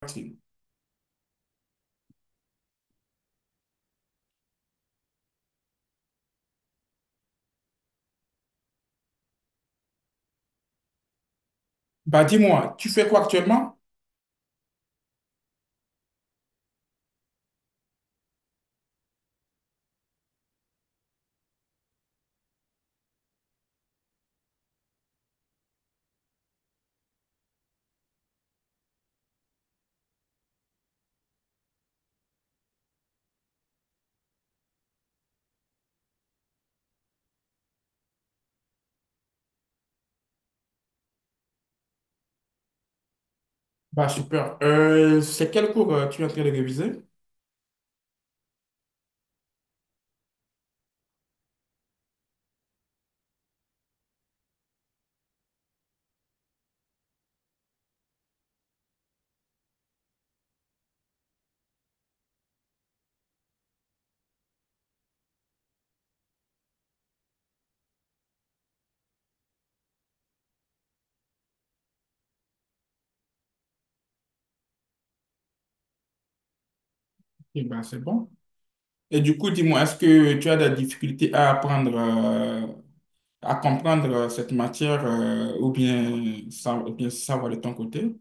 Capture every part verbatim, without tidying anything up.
Tranquille. Bah, dis-moi, tu fais quoi actuellement? Bah, super. Euh, c'est quel cours euh, tu es en train de réviser? Et bah, c'est bon. Et du coup, dis-moi, est-ce que tu as des difficultés à apprendre euh, à comprendre euh, cette matière euh, ou bien, ça, ou bien savoir de ton côté?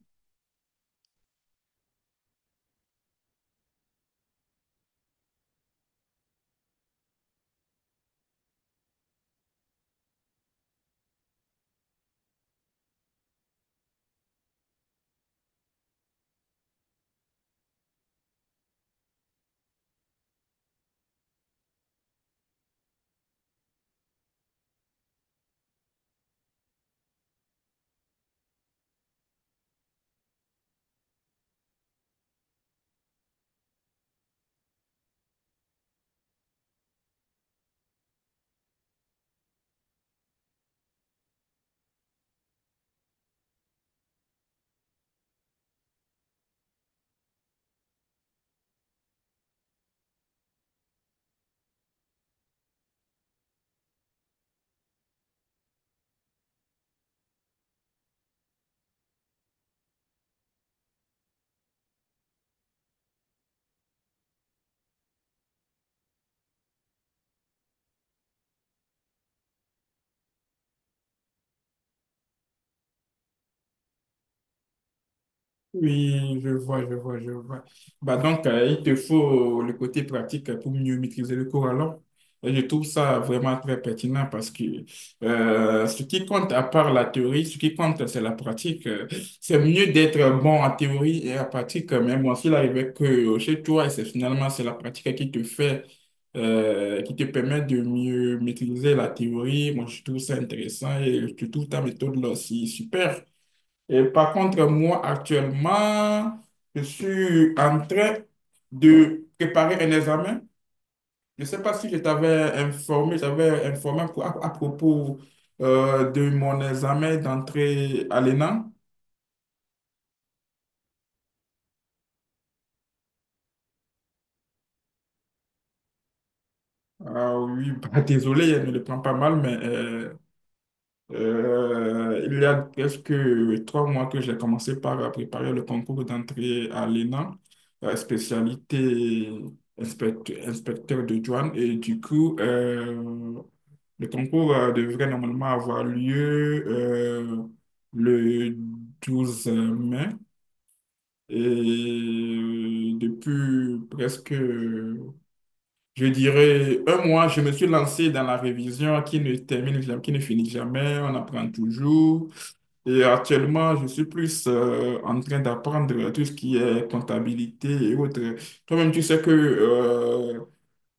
Oui, je vois, je vois, je vois. Bah donc, euh, il te faut le côté pratique pour mieux maîtriser le cours alors. Et je trouve ça vraiment très pertinent parce que euh, ce qui compte, à part la théorie, ce qui compte, c'est la pratique. Euh, C'est mieux d'être bon en théorie et en pratique, mais bon, s'il arrivait que chez toi, et c'est finalement c'est la pratique qui te fait, euh, qui te permet de mieux maîtriser la théorie. Moi, je trouve ça intéressant et je trouve ta méthode là aussi super. Et par contre, moi, actuellement, je suis en train de préparer un examen. Je ne sais pas si je t'avais informé, j'avais informé pour- à, à propos euh, de mon examen d'entrée à l'E N A. Ah oui, bah, désolé, je ne le prends pas mal, mais euh, Euh, il y a presque trois mois que j'ai commencé par préparer le concours d'entrée à l'E N A, euh, spécialité inspect- inspecteur de douane. Et du coup, euh, le concours euh, devrait normalement avoir lieu euh, le douze mai. Et euh, depuis presque, je dirais, un mois, je me suis lancé dans la révision qui ne termine jamais, qui ne finit jamais. On apprend toujours. Et actuellement, je suis plus euh, en train d'apprendre tout ce qui est comptabilité et autres. Toi-même, tu sais que euh,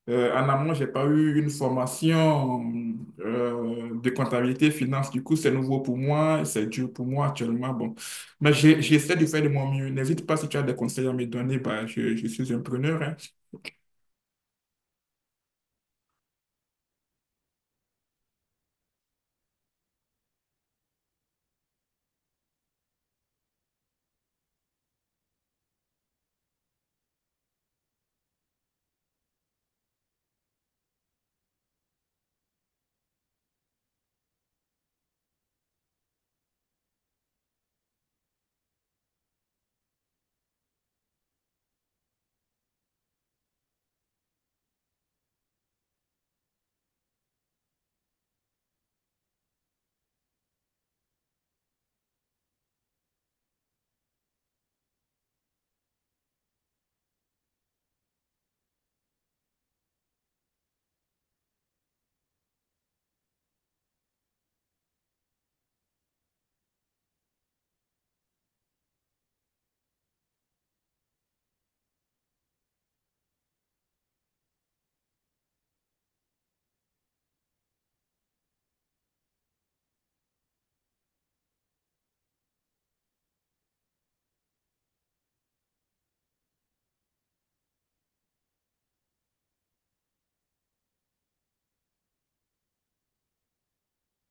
euh, en amont, j'ai pas eu une formation euh, de comptabilité finance. Du coup, c'est nouveau pour moi, c'est dur pour moi actuellement. Bon, mais j'ai- j'essaie de faire de mon mieux. N'hésite pas si tu as des conseils à me donner. Bah, je, je suis un preneur, hein.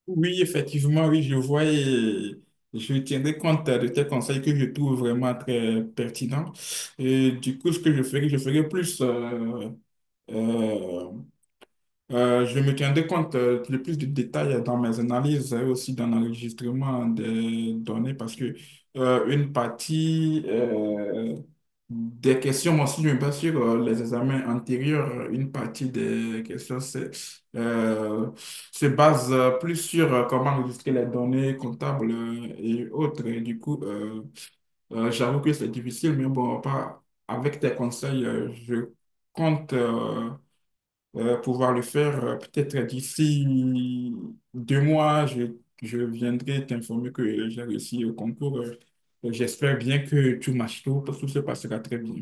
Oui, effectivement, oui, je vois et je tiendrai compte de tes conseils que je trouve vraiment très pertinents. Et du coup, ce que je ferai, je ferai plus. euh, euh, euh, je me tiendrai compte euh, le plus de détails dans mes analyses et aussi dans l'enregistrement des données parce que euh, une partie euh, des questions, moi aussi je me base sur euh, les examens antérieurs, une partie des questions c'est, euh, se base euh, plus sur euh, comment enregistrer les données comptables euh, et autres. Et du coup, euh, euh, j'avoue que c'est difficile, mais bon, pas avec tes conseils, euh, je compte. euh, euh, Pouvoir le faire. Euh, Peut-être d'ici deux mois, je, je viendrai t'informer que j'ai réussi au concours. Euh, J'espère bien que tout marche, tout, tout se passera très bien.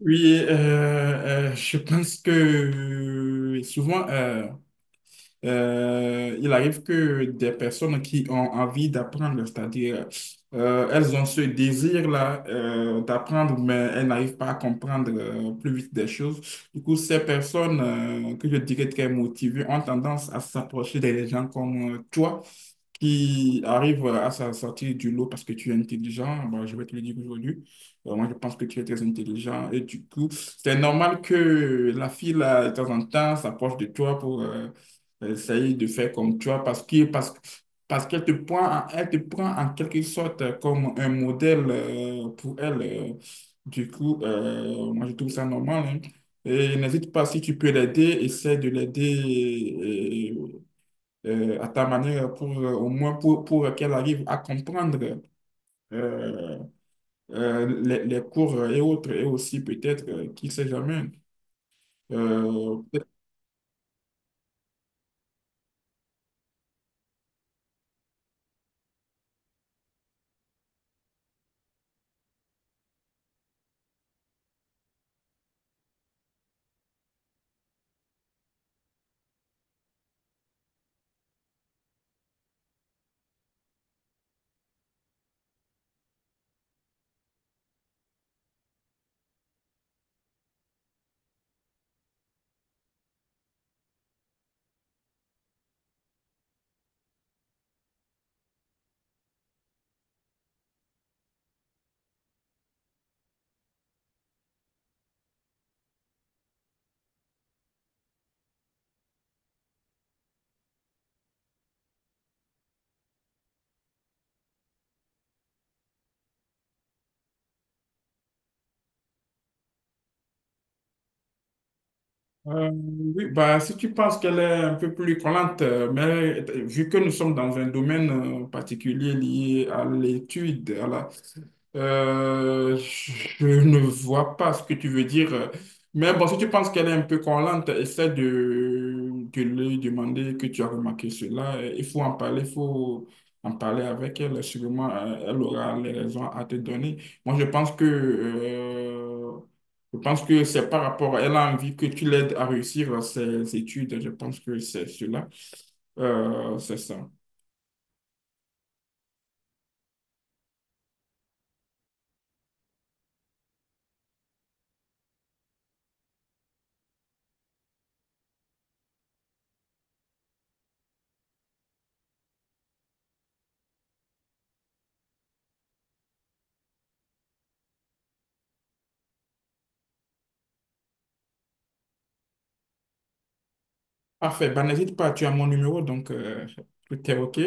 Oui, euh, euh, je pense que euh, souvent, euh, Euh, il arrive que des personnes qui ont envie d'apprendre, c'est-à-dire euh, elles ont ce désir-là euh, d'apprendre, mais elles n'arrivent pas à comprendre euh, plus vite des choses. Du coup, ces personnes euh, que je dirais très motivées ont tendance à s'approcher des gens comme euh, toi qui arrive à sa- sortir du lot parce que tu es intelligent, bon, je vais te le dire aujourd'hui. Euh, Moi, je pense que tu es très intelligent et du coup, c'est normal que la fille, là, de temps en temps, s'approche de toi pour euh, essayer de faire comme toi parce que, parce, parce qu'elle te prend, elle te prend en quelque sorte euh, comme un modèle euh, pour elle. euh. Du coup, euh, moi, je trouve ça normal, hein. Et n'hésite pas, si tu peux l'aider, essaie de l'aider Et- euh, à ta manière pour euh, au moins pour, pour qu'elle arrive à comprendre euh, euh, les, les cours et autres, et aussi peut-être, euh, qui sait jamais, euh, Euh, oui, bah, si tu penses qu'elle est un peu plus collante, euh, mais euh, vu que nous sommes dans un domaine euh, particulier lié à l'étude, à la- euh, je ne vois pas ce que tu veux dire. Mais bon, si tu penses qu'elle est un peu collante, essaie de, de lui demander que tu as remarqué cela. Il faut en parler, il faut en parler avec elle. Sûrement, euh, elle aura les raisons à te donner. Moi, je pense que... euh, Je pense que c'est par rapport, elle a envie que tu l'aides à réussir ses études. Je pense que c'est cela. Euh, c'est ça. Parfait. Ben, n'hésite pas, tu as mon numéro, donc euh, tout est OK.